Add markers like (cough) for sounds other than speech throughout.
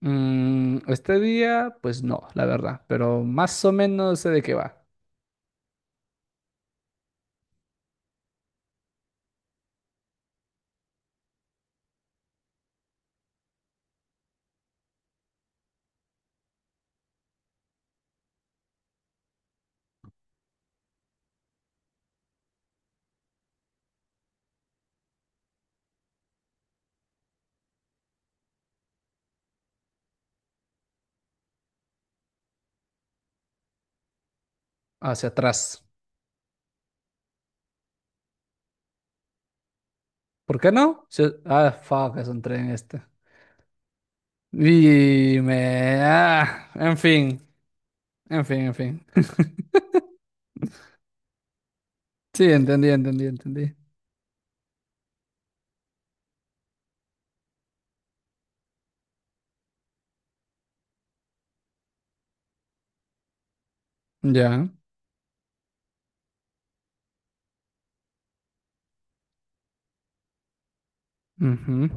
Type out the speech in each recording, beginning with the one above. Este día, pues no, la verdad, pero más o menos sé de qué va, hacia atrás. ¿Por qué no? Fuck, es un tren este. Dime, en fin, en fin. (laughs) Sí, entendí. Ya. Ujú.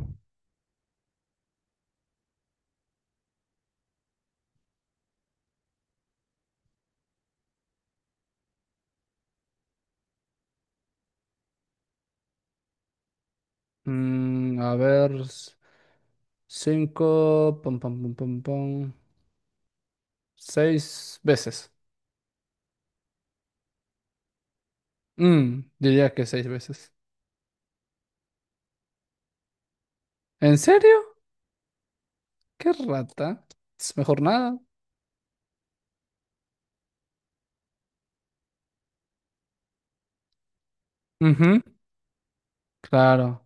A ver, cinco, pum, pum, pum, pum, pum, seis veces. Diría que seis veces. ¿En serio? ¿Qué rata? Es mejor nada. Claro.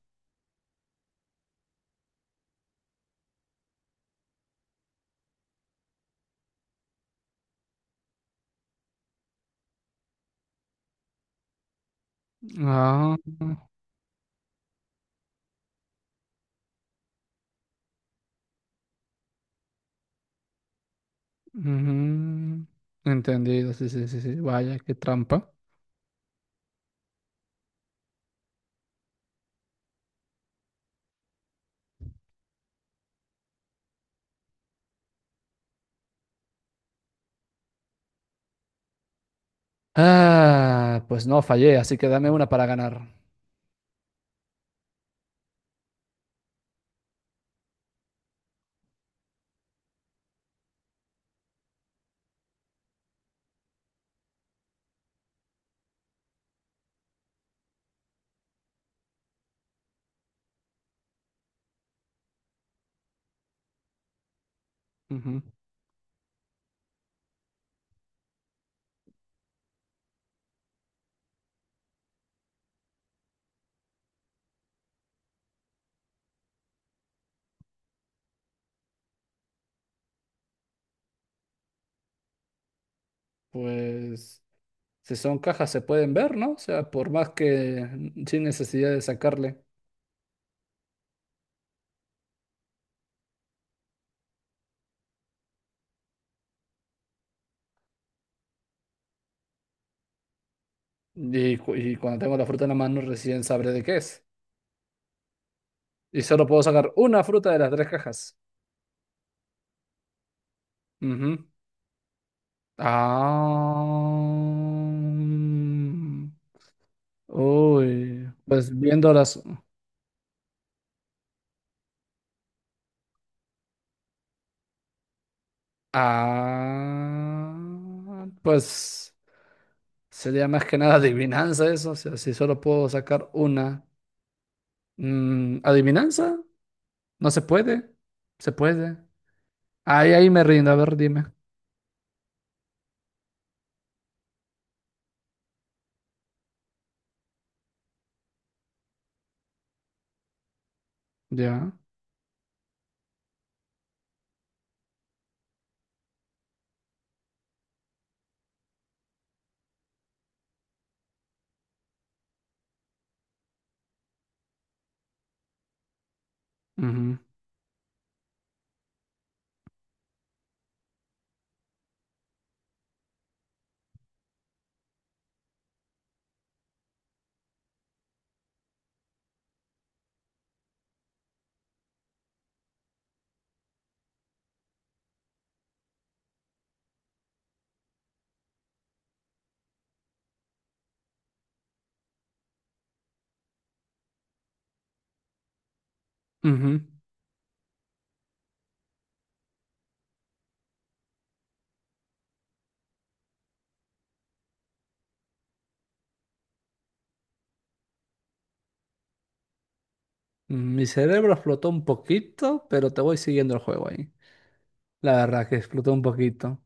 Ah, ujú. Entendido, sí, sí, sí, sí. Vaya, qué trampa. Ah, pues no, fallé, así que dame una para ganar. Ujú. Pues si son cajas se pueden ver, ¿no? O sea, por más que mm, sin necesidad de sacarle. Y, y cuando tengo la fruta en la mano recién sabré de qué es. Y solo puedo sacar una fruta de las tres cajas. Ujú. Ah. Uy, pues viéndolas. Ah, pues sería más que nada adivinanza eso. O sea, si solo puedo sacar una. ¿Adivinanza? No se puede. Se puede. Ahí me rindo. A ver, dime. Ya. Ujú, ujú. Mi cerebro explotó un poquito, pero te voy siguiendo el juego ahí. La verdad que explotó un poquito.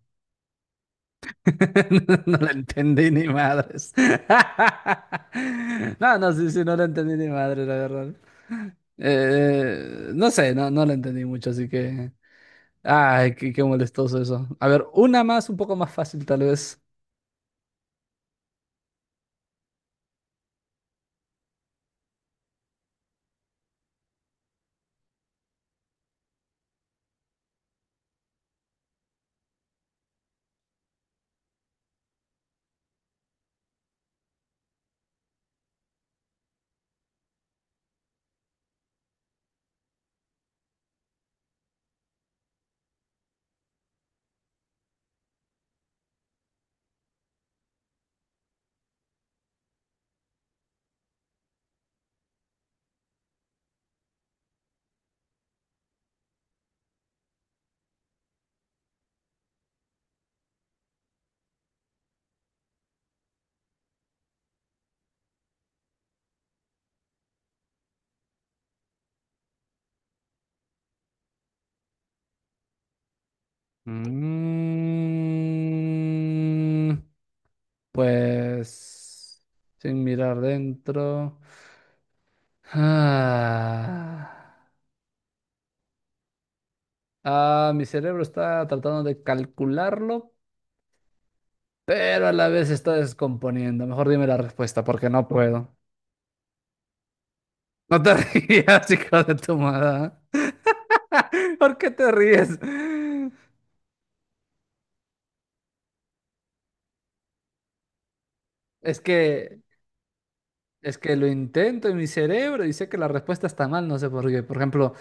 (laughs) No la entendí ni madres. (laughs) No, no, sí, sí, no la entendí ni madre, la verdad. No sé, no la entendí mucho, así que. Ay, qué molestoso eso. A ver, una más, un poco más fácil, tal vez. Mm, pues. Sin mirar dentro. Ah, ah, mi cerebro está tratando de calcularlo, pero a la vez se está descomponiendo. Mejor dime la respuesta, porque no puedo. No te (laughs) rías, hijo de tu madre. ¿Por qué te ríes? Es que, es que lo intento en mi cerebro y sé que la respuesta está mal, no sé por qué. Por ejemplo,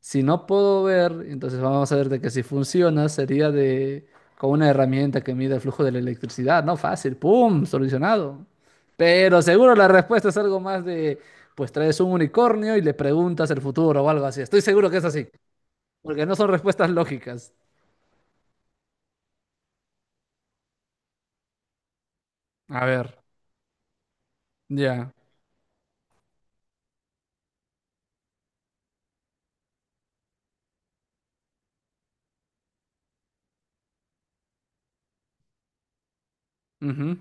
si no puedo ver, entonces vamos a ver de que si funciona sería de con una herramienta que mide el flujo de la electricidad, ¿no? Fácil, ¡pum! Solucionado. Pero seguro la respuesta es algo más de, pues traes un unicornio y le preguntas el futuro o algo así. Estoy seguro que es así. Porque no son respuestas lógicas. A ver, ya. Ujú.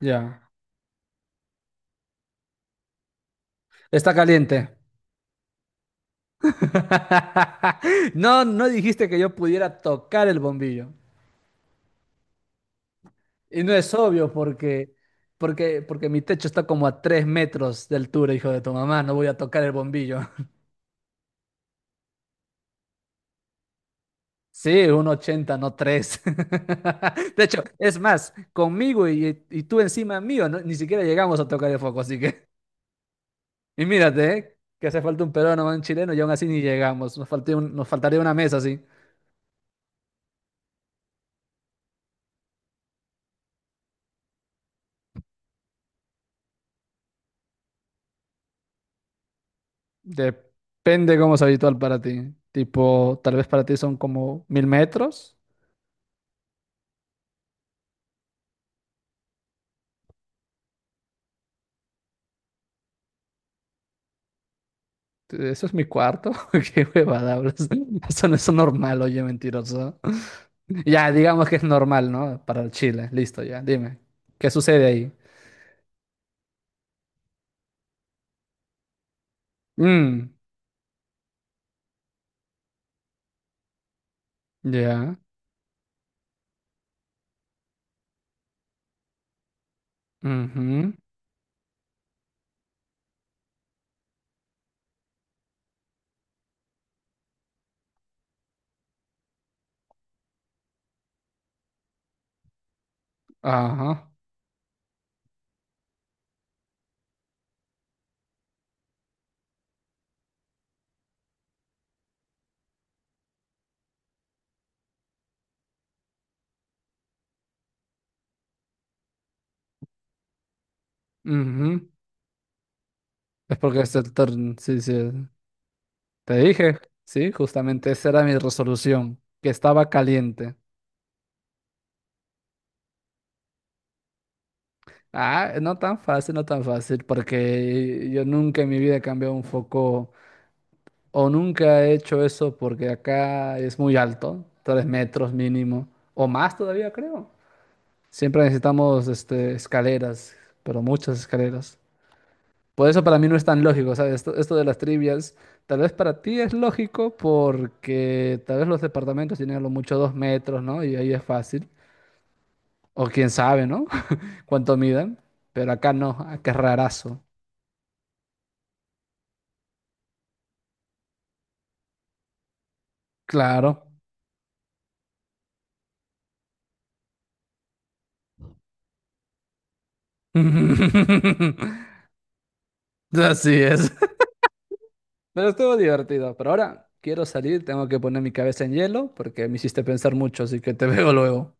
Ya. Está caliente. (laughs) No, no dijiste que yo pudiera tocar el bombillo. Y no es obvio porque mi techo está como a 3 metros de altura, hijo de tu mamá. No voy a tocar el bombillo. (laughs) Sí, 1,80, no 3. (laughs) De hecho, es más, conmigo y tú encima mío, ni siquiera llegamos a tocar el foco, así que... Y mírate, ¿eh? Que hace falta un peruano o un chileno y aún así ni llegamos. Nos faltó un nos faltaría una mesa, sí. Depende cómo es habitual para ti. Tipo, tal vez para ti son como 1000 metros. Eso es mi cuarto. (laughs) Qué huevada hablas. Eso no es normal, oye, mentiroso. Ya, digamos que es normal, ¿no? Para el Chile. Listo, ya. Dime. ¿Qué sucede ahí? Mm, ya. Ujú. Ajá. Ujú. Es porque es el turno. Sí, sí. Te dije, sí, justamente esa era mi resolución, que estaba caliente. Ah, no tan fácil, no tan fácil, porque yo nunca en mi vida he cambiado un foco o nunca he hecho eso porque acá es muy alto, 3 metros mínimo, o más todavía creo. Siempre necesitamos este, escaleras, pero muchas escaleras. Por eso para mí no es tan lógico, ¿sabes? Esto de las trivias, tal vez para ti es lógico porque tal vez los departamentos tienen a lo mucho 2 metros, ¿no? Y ahí es fácil. O quién sabe, ¿no? (laughs) Cuánto midan. Pero acá no, acá es rarazo. Claro. (laughs) Así es. Pero estuvo divertido. Pero ahora quiero salir, tengo que poner mi cabeza en hielo porque me hiciste pensar mucho, así que te (laughs) veo luego.